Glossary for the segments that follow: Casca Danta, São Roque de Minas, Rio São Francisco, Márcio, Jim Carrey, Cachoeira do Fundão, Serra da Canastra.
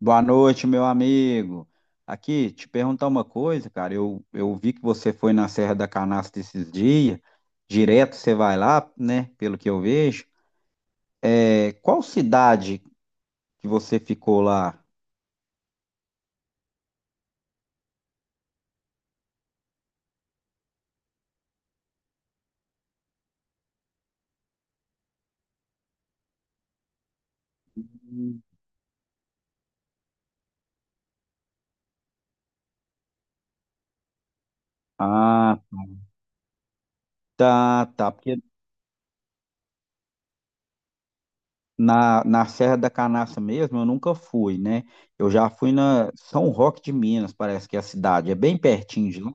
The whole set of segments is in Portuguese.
Boa noite, meu amigo. Aqui, te perguntar uma coisa, cara. Eu vi que você foi na Serra da Canastra esses dias. Direto você vai lá, né? Pelo que eu vejo. É, qual cidade que você ficou lá? Ah, tá, tá. Porque na Serra da Canastra mesmo eu nunca fui, né? Eu já fui na São Roque de Minas, parece que é a cidade. É bem pertinho de lá.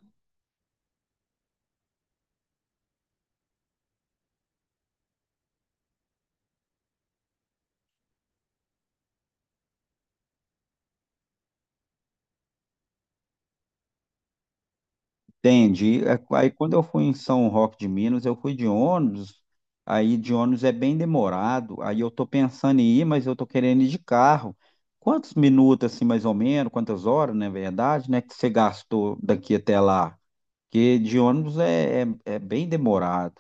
Entendi. É, aí quando eu fui em São Roque de Minas, eu fui de ônibus. Aí de ônibus é bem demorado. Aí eu tô pensando em ir, mas eu tô querendo ir de carro. Quantos minutos, assim, mais ou menos, quantas horas, na verdade, né, que você gastou daqui até lá? Porque de ônibus é bem demorado.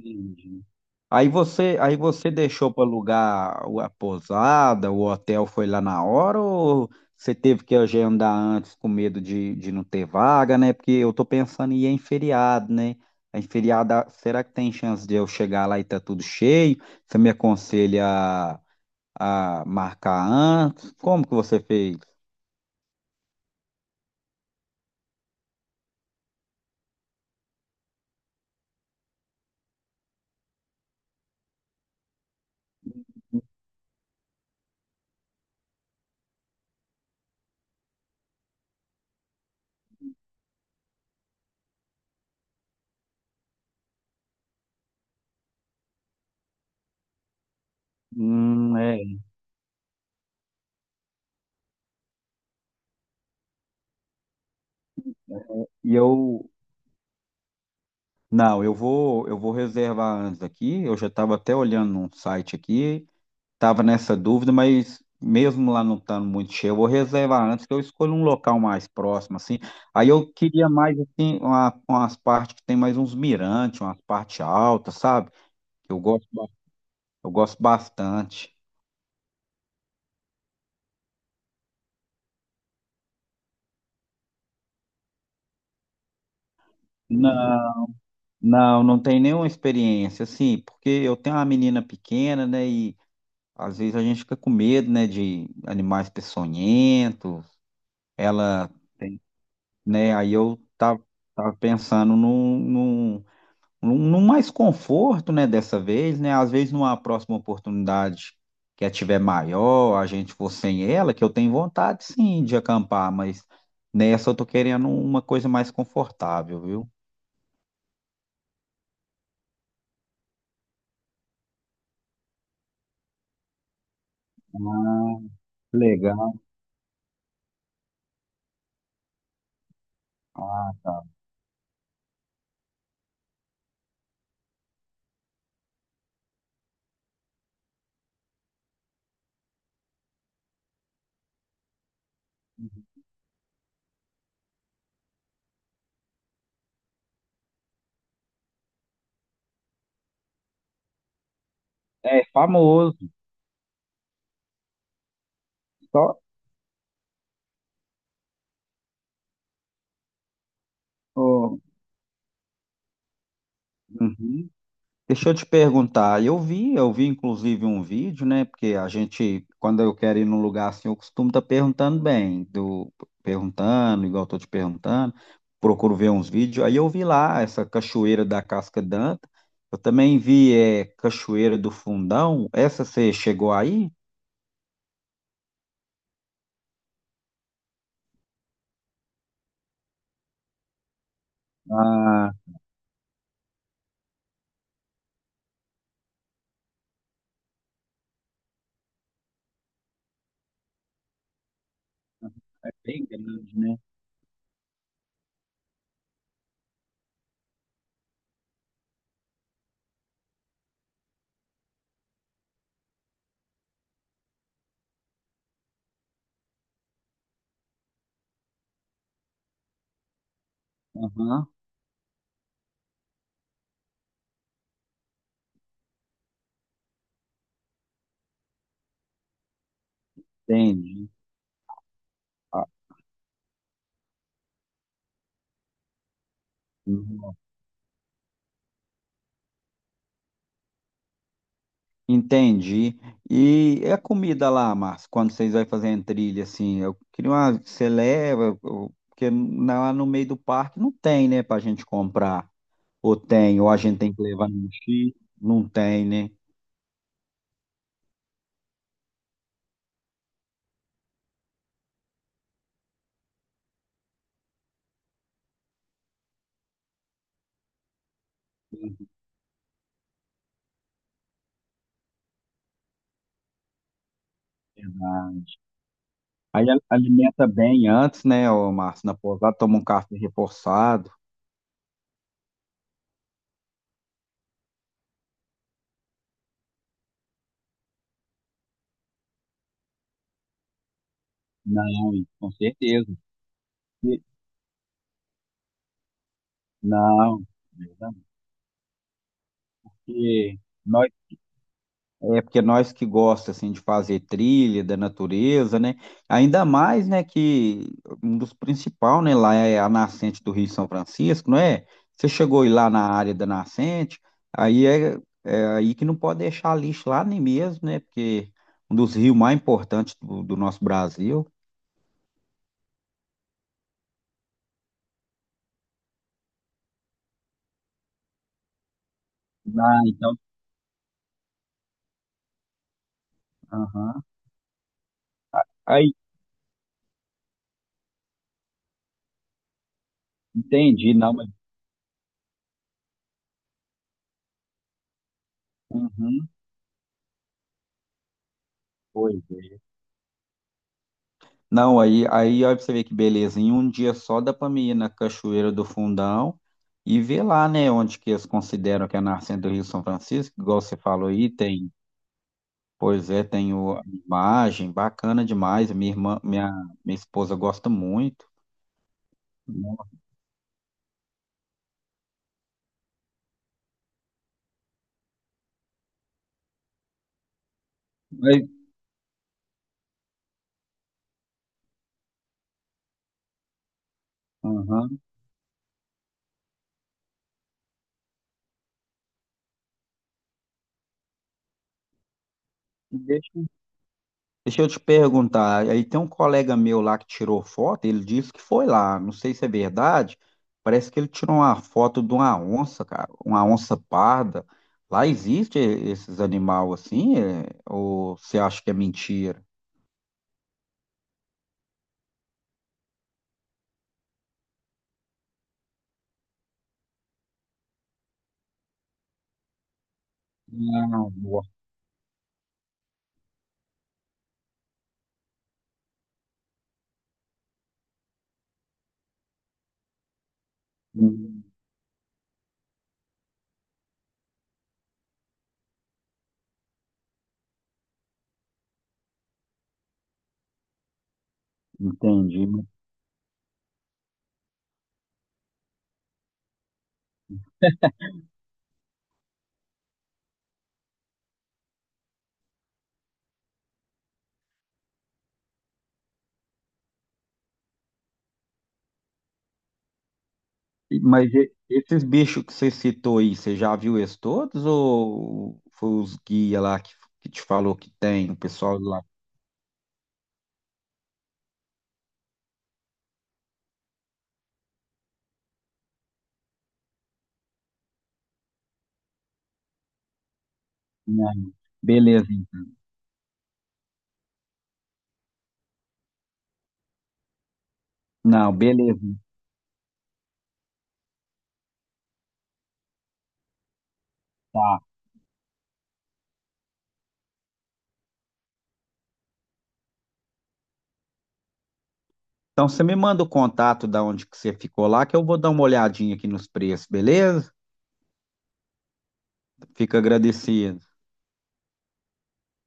Entendi. Aí você deixou para alugar a pousada, o hotel foi lá na hora ou você teve que agendar antes com medo de não ter vaga, né? Porque eu tô pensando em ir em feriado, né? Em feriado, ah, será que tem chance de eu chegar lá e tá tudo cheio? Você me aconselha a marcar antes? Como que você fez? É. E eu, não, eu vou reservar antes aqui. Eu já estava até olhando num site aqui. Tava nessa dúvida, mas mesmo lá não estando muito cheio, eu vou reservar antes que eu escolho um local mais próximo, assim. Aí eu queria mais, assim, umas partes que tem mais uns mirantes, umas partes altas, sabe? Eu gosto, eu gosto bastante. Não, não, não tem nenhuma experiência, assim, porque eu tenho uma menina pequena, né, e às vezes a gente fica com medo, né, de animais peçonhentos, ela tem, né, tava pensando num mais conforto, né, dessa vez, né? Às vezes numa próxima oportunidade que a tiver maior, a gente for sem ela, que eu tenho vontade sim de acampar, mas nessa eu tô querendo uma coisa mais confortável, viu? Legal. Ah, tá. É famoso. Só. Ó, uhum. Deixa eu te perguntar, eu vi inclusive um vídeo, né? Porque a gente, quando eu quero ir num lugar assim, eu costumo estar perguntando perguntando, igual eu tô te perguntando, procuro ver uns vídeos. Aí eu vi lá essa cachoeira da Casca Danta, eu também vi é, Cachoeira do Fundão, essa você chegou aí? Ah, é bem grande, né? Aham, entendi. Ah, entendi. E é a comida lá, Márcio, quando vocês vão fazer a trilha, assim, eu queria uma, você leva, porque lá no meio do parque não tem, né, pra gente comprar. Ou tem, ou a gente tem que levar no mochila, não tem, né? Verdade. Alimenta bem antes, né, ô Márcio, na pousada, toma um café reforçado. Não, com certeza. E- Não, verdade. Porque nós É porque nós que gosta assim de fazer trilha da natureza, né? Ainda mais, né, que um dos principais, né, lá é a nascente do Rio São Francisco, não é? Você chegou aí lá na área da nascente, aí é, é aí que não pode deixar lixo lá nem mesmo, né? Porque um dos rios mais importantes do nosso Brasil. Ah, então, aham. Aí, entendi, não, mas uhum, pois é. Não, aí olha pra você ver que beleza. Em um dia só dá pra mim ir na Cachoeira do Fundão e ver lá, né, onde que eles consideram que é a nascente do Rio São Francisco, igual você falou aí, tem, pois é, tem a imagem, bacana demais. Minha esposa gosta muito. Nossa, mas- aham. Deixa eu te perguntar, aí tem um colega meu lá que tirou foto, ele disse que foi lá, não sei se é verdade, parece que ele tirou uma foto de uma onça, cara, uma onça parda. Lá existe esses animais assim, é? Ou você acha que é mentira? Não, boa. Hum, entendi. Mas esses bichos que você citou aí, você já viu eles todos ou foi os guia lá que te falou que tem, o pessoal lá? Não, beleza. Não, beleza. Então você me manda o contato da onde que você ficou lá, que eu vou dar uma olhadinha aqui nos preços, beleza? Fico agradecido.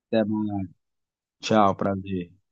Até mais. Tchau, prazer.